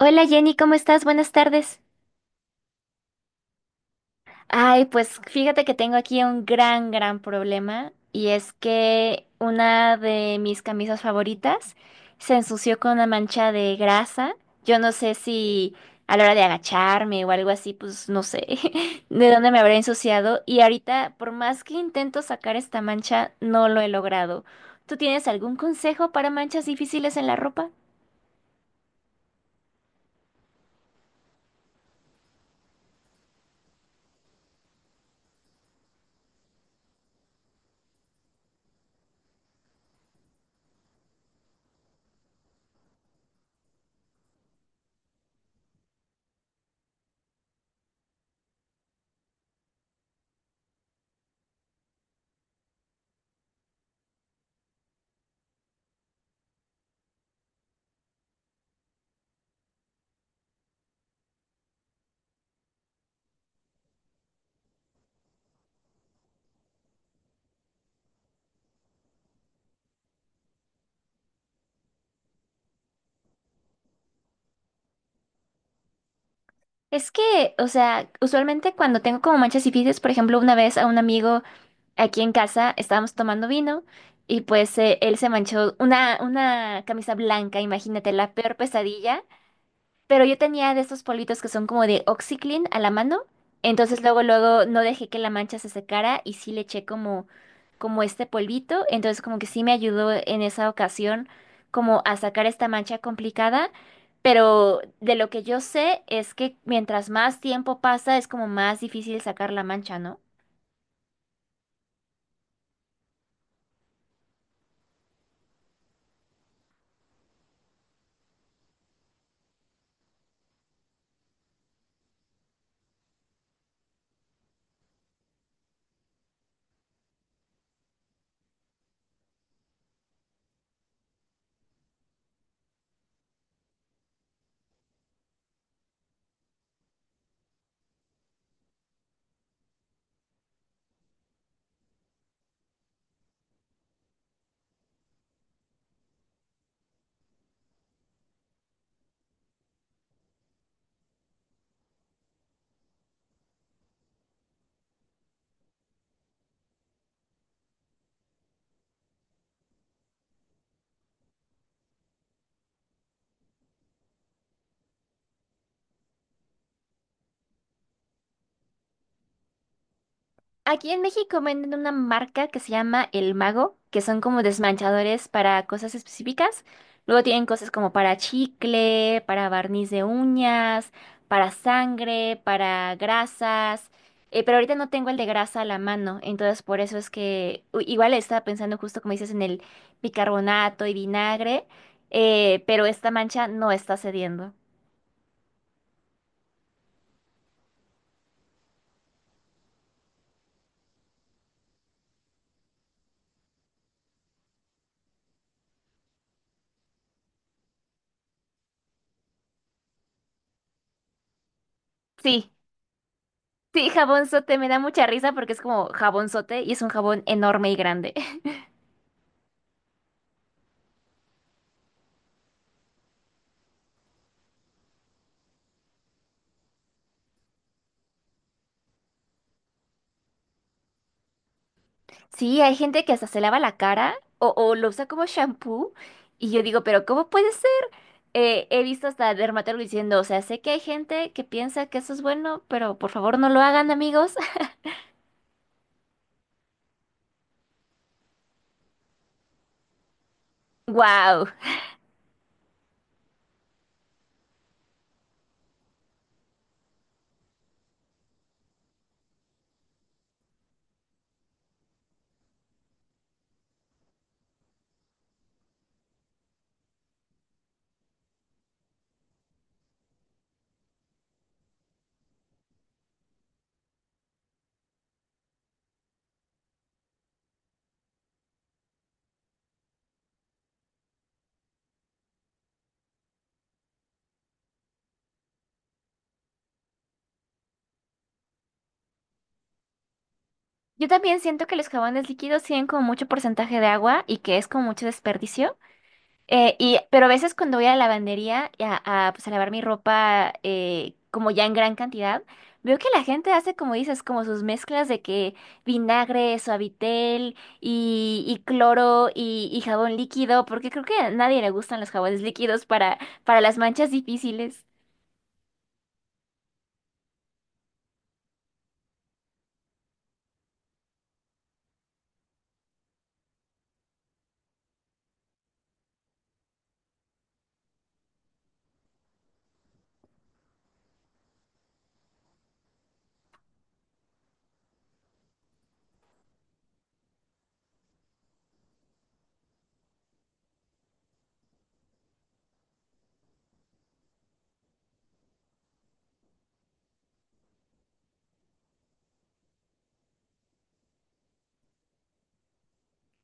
Hola Jenny, ¿cómo estás? Buenas tardes. Ay, pues fíjate que tengo aquí un gran, gran problema y es que una de mis camisas favoritas se ensució con una mancha de grasa. Yo no sé si a la hora de agacharme o algo así, pues no sé de dónde me habré ensuciado y ahorita por más que intento sacar esta mancha, no lo he logrado. ¿Tú tienes algún consejo para manchas difíciles en la ropa? Es que, o sea, usualmente cuando tengo como manchas y fides, por ejemplo, una vez a un amigo aquí en casa estábamos tomando vino y pues él se manchó una camisa blanca, imagínate, la peor pesadilla. Pero yo tenía de estos politos que son como de OxiClean a la mano. Entonces luego, luego no dejé que la mancha se secara y sí le eché como, como este polvito. Entonces como que sí me ayudó en esa ocasión como a sacar esta mancha complicada. Pero de lo que yo sé es que mientras más tiempo pasa es como más difícil sacar la mancha, ¿no? Aquí en México venden una marca que se llama El Mago, que son como desmanchadores para cosas específicas. Luego tienen cosas como para chicle, para barniz de uñas, para sangre, para grasas. Pero ahorita no tengo el de grasa a la mano, entonces por eso es que u- igual estaba pensando justo como dices en el bicarbonato y vinagre, pero esta mancha no está cediendo. Sí, sí, jabonzote, me da mucha risa porque es como jabonzote y es un jabón enorme y grande. Sí, hay gente que hasta se lava la cara o lo usa como shampoo. Y yo digo, pero ¿cómo puede ser? He visto hasta dermatólogos diciendo, o sea, sé que hay gente que piensa que eso es bueno, pero por favor no lo hagan, amigos. Wow. Yo también siento que los jabones líquidos tienen como mucho porcentaje de agua y que es como mucho desperdicio. Pero a veces cuando voy a la lavandería y pues, a lavar mi ropa como ya en gran cantidad, veo que la gente hace como dices, como sus mezclas de que vinagre, suavitel y cloro y jabón líquido, porque creo que a nadie le gustan los jabones líquidos para las manchas difíciles.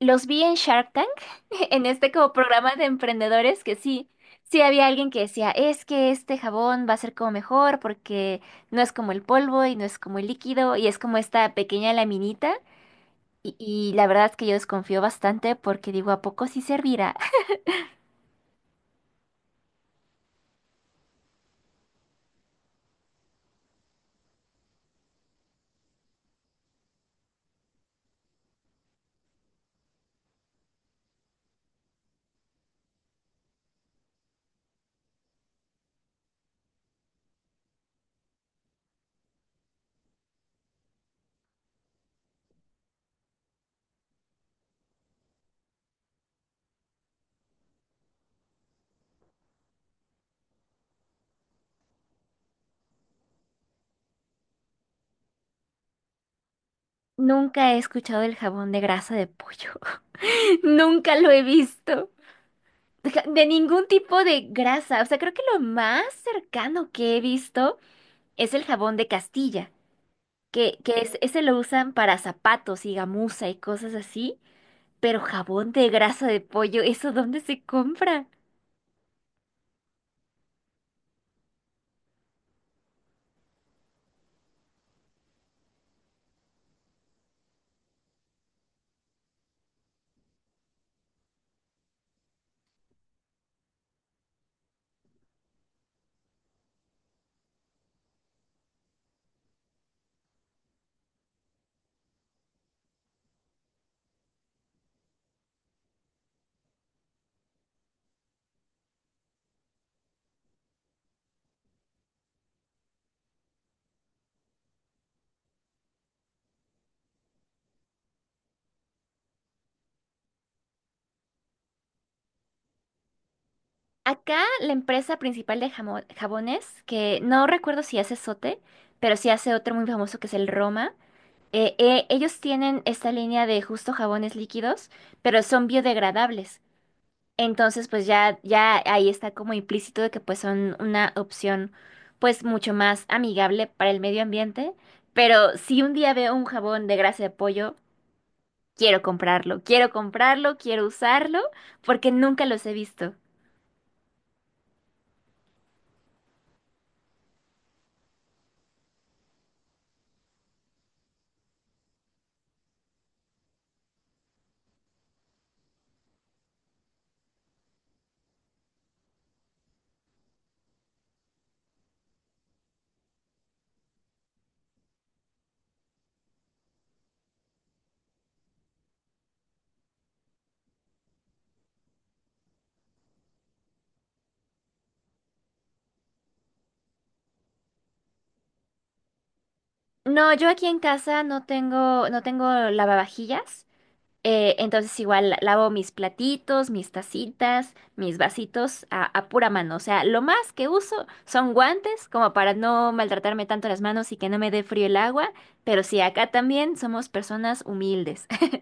Los vi en Shark Tank, en este como programa de emprendedores que sí, sí había alguien que decía, es que este jabón va a ser como mejor porque no es como el polvo y no es como el líquido y es como esta pequeña laminita. Y la verdad es que yo desconfío bastante porque digo, ¿a poco sí servirá? Nunca he escuchado del jabón de grasa de pollo. Nunca lo he visto. Deja- De ningún tipo de grasa. O sea, creo que lo más cercano que he visto es el jabón de Castilla. Que es- ese lo usan para zapatos y gamuza y cosas así, pero jabón de grasa de pollo, ¿eso dónde se compra? Acá la empresa principal de jamo- jabones, que no recuerdo si hace Sote, pero sí hace otro muy famoso que es el Roma, ellos tienen esta línea de justo jabones líquidos, pero son biodegradables. Entonces, pues ya, ya ahí está como implícito de que pues son una opción pues mucho más amigable para el medio ambiente. Pero si un día veo un jabón de grasa de pollo, quiero comprarlo, quiero comprarlo, quiero usarlo, porque nunca los he visto. No, yo aquí en casa no tengo, no tengo lavavajillas. Entonces igual lavo mis platitos, mis tacitas, mis vasitos a, pura mano. O sea, lo más que uso son guantes como para no maltratarme tanto las manos y que no me dé frío el agua. Pero sí, acá también somos personas humildes.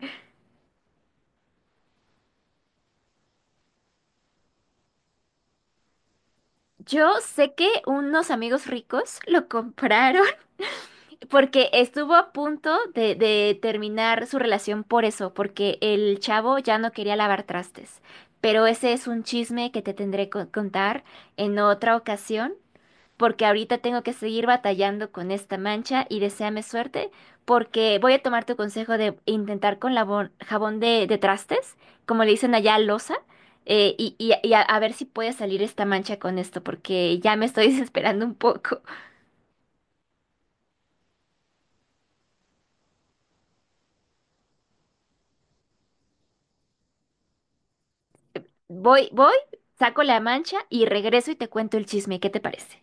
Yo sé que unos amigos ricos lo compraron porque estuvo a punto de terminar su relación por eso, porque el chavo ya no quería lavar trastes. Pero ese es un chisme que te tendré que contar en otra ocasión, porque ahorita tengo que seguir batallando con esta mancha y deséame suerte, porque voy a tomar tu consejo de intentar con labón- jabón de trastes, como le dicen allá, loza, a ver si puede salir esta mancha con esto, porque ya me estoy desesperando un poco. Voy, voy, saco la mancha y regreso y te cuento el chisme, ¿qué te parece?